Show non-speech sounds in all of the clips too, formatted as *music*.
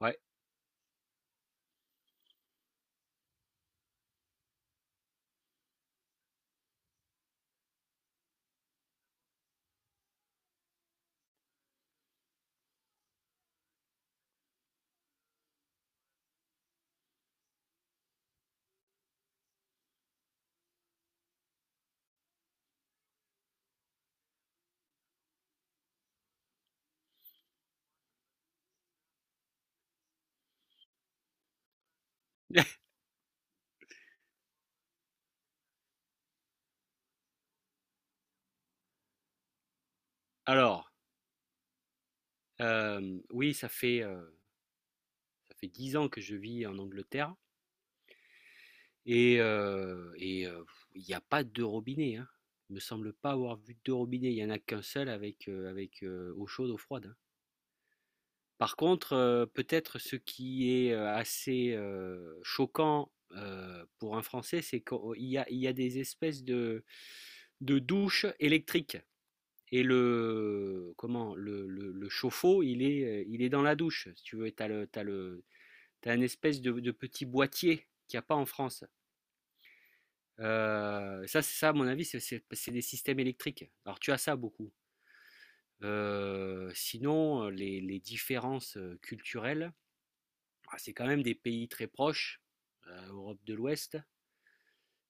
Ouais. *laughs* Alors, hem, oui, ça fait 10 ans que je vis en Angleterre et il n'y a pas de robinet. Hein. Il me semble pas avoir vu de robinet. Il y en a qu'un seul avec, avec, eau chaude, eau froide, hein. Par contre, peut-être ce qui est, assez, choquant, pour un Français, c'est qu'il y a des espèces de douches électriques. Et le comment? Le chauffe-eau, il est dans la douche, si tu veux. Et tu as le t'as une espèce de petit boîtier qu'il y a pas en France. Ça, à mon avis, c'est des systèmes électriques. Alors tu as ça beaucoup. Sinon, les différences, culturelles, bah, c'est quand même des pays très proches, Europe de l'Ouest.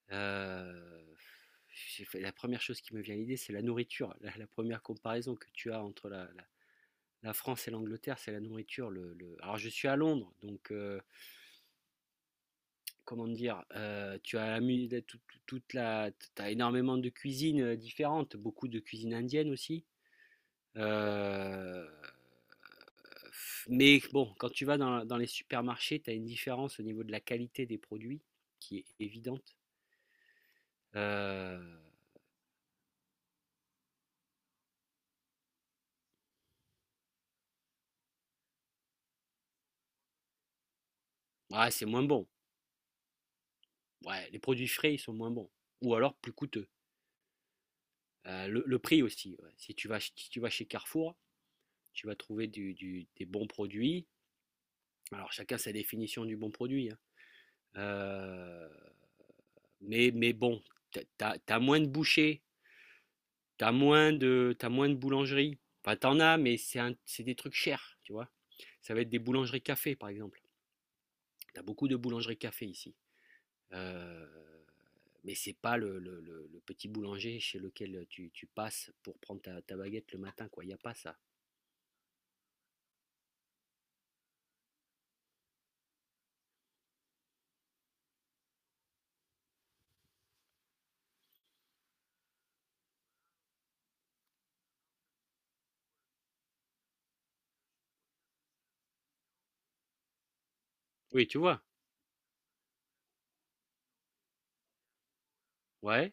Heu, la première chose qui me vient à l'idée, c'est la nourriture. La 1 comparaison que tu as entre la France et l'Angleterre, c'est la nourriture. Alors, je suis à Londres, donc comment dire, tu as la mu- toute t'as énormément de cuisines différentes, beaucoup de cuisine indienne aussi. Euh, Mais bon, quand tu vas dans les supermarchés, tu as une différence au niveau de la qualité des produits qui est évidente. Euh, Ouais, c'est moins bon. Ouais, les produits frais, ils sont moins bons. Ou alors plus coûteux. Le, prix aussi, ouais. Si tu vas, si tu vas chez Carrefour, tu vas trouver des bons produits. Alors chacun sa définition du bon produit, hein. Euh, mais bon, moins de bouchers, t'as moins de boulangeries. Enfin, t'en as, mais c'est des trucs chers, tu vois. Ça va être des boulangeries café, par exemple. T'as beaucoup de boulangeries café ici. Euh, mais c'est pas le petit boulanger chez lequel tu passes pour prendre ta baguette le matin, quoi. Il n'y a pas ça. Oui, tu vois. Ouais,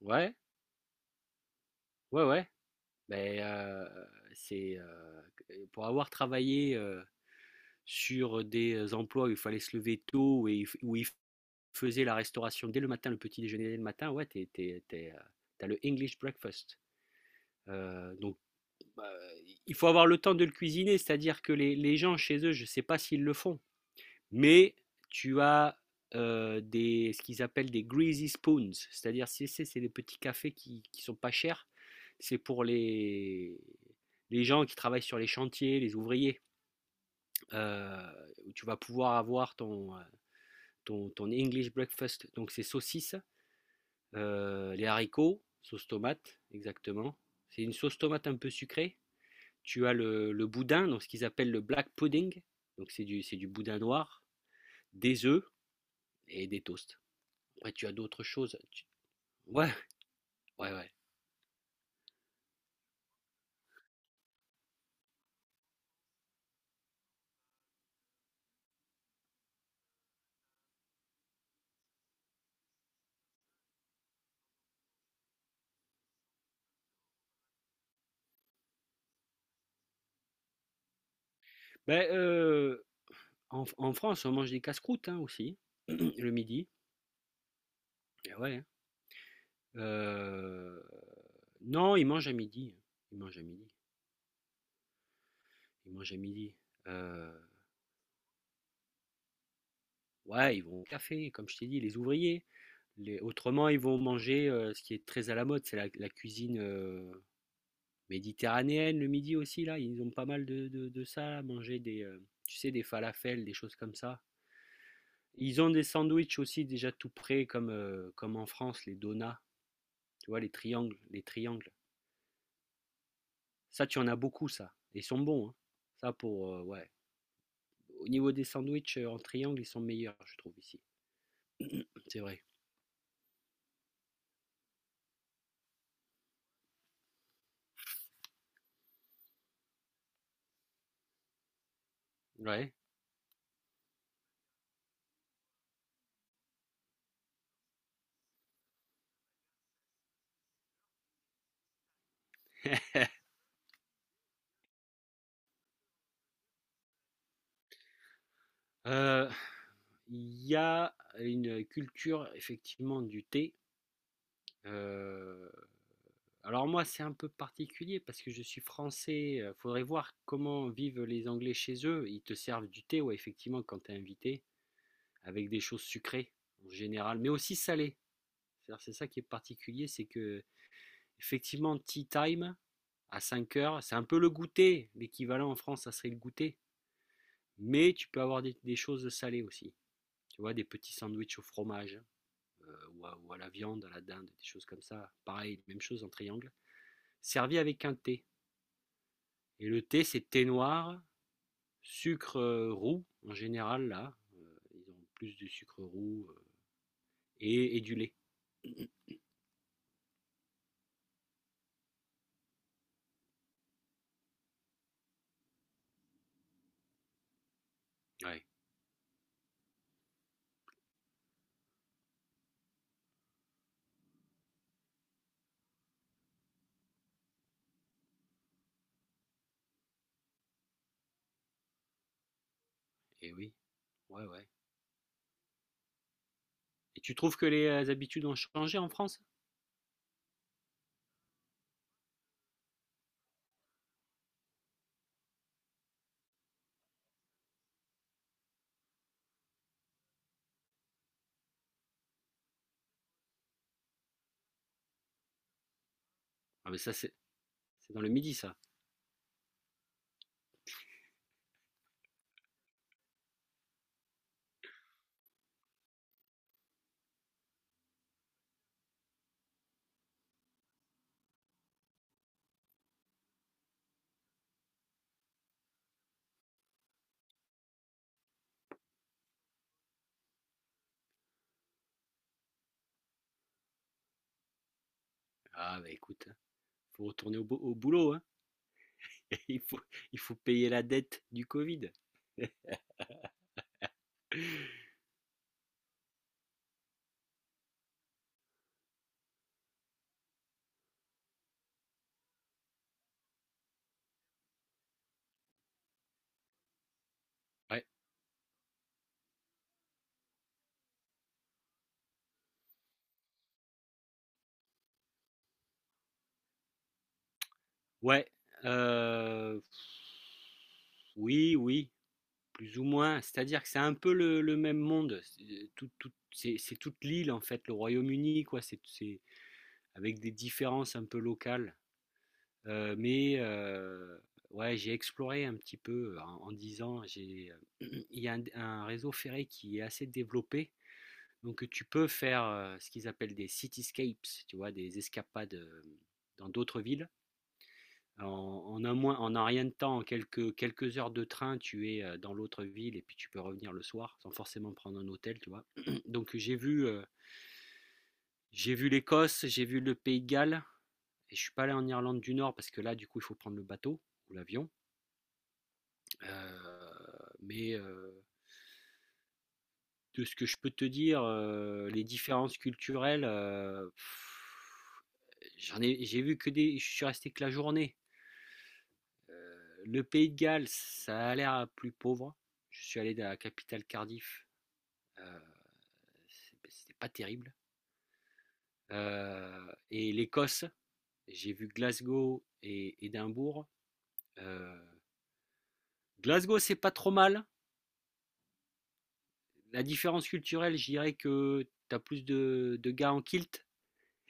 ouais, ouais, ouais. Ben heu, c'est, heu, pour avoir travaillé, sur des emplois où il fallait se lever tôt et où ils faisaient la restauration dès le matin, le petit déjeuner dès le matin, ouais, t'es t'es tu es tu le English breakfast. Donc, heu, il faut avoir le temps de le cuisiner, c'est-à-dire que les gens chez eux, je ne sais pas s'ils le font. Mais tu as ce qu'ils appellent des greasy spoons, c'est-à-dire c'est des petits cafés qui sont pas chers. C'est pour les gens qui travaillent sur les chantiers, les ouvriers, euh, où tu vas pouvoir avoir ton English breakfast. Donc c'est saucisses, les haricots, sauce tomate, exactement. C'est une sauce tomate un peu sucrée. Tu as le boudin, donc ce qu'ils appellent le black pudding. Donc c'est du boudin noir, des œufs et des toasts. Après, tu as d'autres choses. Tu- Ouais, ouais, ouais. Ben, euh, En France, on mange des casse-croûtes, hein, aussi, *clears throat* le midi. Eh ouais, hein. Euh, non, ils mangent à midi, hein. Ils mangent à midi. Ils mangent à midi. Euh, ouais, ils vont au café, comme je t'ai dit, les ouvriers. Autrement, ils vont manger ce qui est très à la mode, c'est la cuisine méditerranéenne, le midi aussi, là. Ils ont pas mal de ça, là, manger, tu sais, des falafels, des choses comme ça. Ils ont des sandwichs aussi déjà tout prêts comme, comme en France, les donuts, tu vois, les triangles. Ça, tu en as beaucoup, ça. Et ils sont bons, hein. Ouais. Au niveau des sandwichs en triangle, ils sont meilleurs, je trouve, ici. C'est vrai. Ouais. Euh, Il y a une culture, effectivement, du thé. Euh, alors moi, c'est un peu particulier parce que je suis français. Faudrait voir comment vivent les Anglais chez eux. Ils te servent du thé, ouais, effectivement, quand t'es invité. Avec des choses sucrées en général, mais aussi salées. C'est ça qui est particulier, c'est que effectivement, tea time à 5 heures, c'est un peu le goûter. L'équivalent en France, ça serait le goûter. Mais tu peux avoir des choses salées aussi. Tu vois, des petits sandwichs au fromage ou à la viande, à la dinde, des choses comme ça. Pareil, même chose en triangle, servi avec un thé. Et le thé, c'est thé noir, sucre roux en général là. Ils ont plus de sucre roux, et du lait. Ouais. Et oui. Ouais, ouais. Et tu trouves que les habitudes ont changé en France? Ah mais ça, c'est dans le midi, ça. Ah bah écoute, hein, faut retourner au boulot, hein. *laughs* Il faut, il faut payer la dette du Covid. Ouais. Ouais. euh, oui, oui, plus ou moins. C'est-à-dire que c'est un peu le même monde. C'est c'est toute l'île en fait, le Royaume-Uni, quoi. Avec des différences un peu locales. Heu, mais heu, ouais, j'ai exploré un petit peu en en disant j'ai, *clears throat* il y a un réseau ferré qui est assez développé, donc tu peux faire, ce qu'ils appellent des cityscapes, tu vois? Des escapades, dans d'autres villes. En en un rien de temps, en quelques heures de train, tu es, dans l'autre ville et puis tu peux revenir le soir sans forcément prendre un hôtel, tu vois? *clears throat* Donc j'ai vu l'Écosse, j'ai vu le Pays de Galles et je suis pas allé en Irlande du Nord parce que là, du coup, il faut prendre le bateau ou l'avion. Heu, mais heu, de ce que je peux te dire, les différences culturelles, j'ai vu que des je suis resté que la journée. Le Pays de Galles, ça a l'air plus pauvre. Je suis allé dans la capitale Cardiff, heu, c'est ben, c'était pas terrible. Et l'Écosse, j'ai vu Glasgow et Édimbourg. Heu, Glasgow, c'est pas trop mal. La différence culturelle, je dirais que tu as plus de gars en kilt.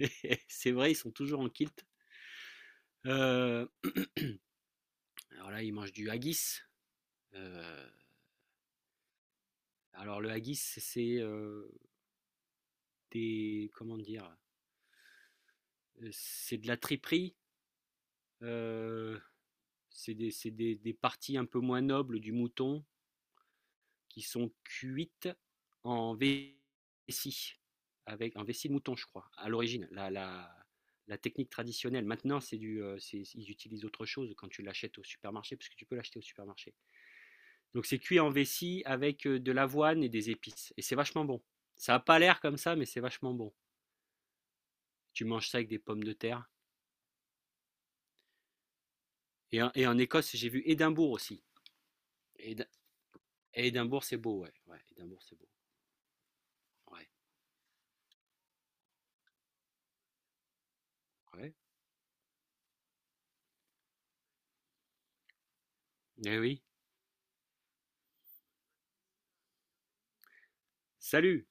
*laughs* C'est vrai, ils sont toujours en kilt. Euh, alors là, ils mangent du haggis. Euh, alors le haggis, c'est des comment dire, c'est de la triperie. euh, c'est des parties un peu moins nobles du mouton qui sont cuites en vessie, avec un vessie de mouton, je crois, à l'origine. La technique traditionnelle. Maintenant, ils utilisent autre chose quand tu l'achètes au supermarché, parce que tu peux l'acheter au supermarché. Donc c'est cuit en vessie avec de l'avoine et des épices. Et c'est vachement bon. Ça a pas l'air comme ça, mais c'est vachement bon. Tu manges ça avec des pommes de terre. Et en Écosse, j'ai vu Édimbourg aussi. Éd- Édimbourg, c'est beau, ouais. Ouais, Édimbourg, c'est beau. Ouais, ouais. Eh oui. Salut!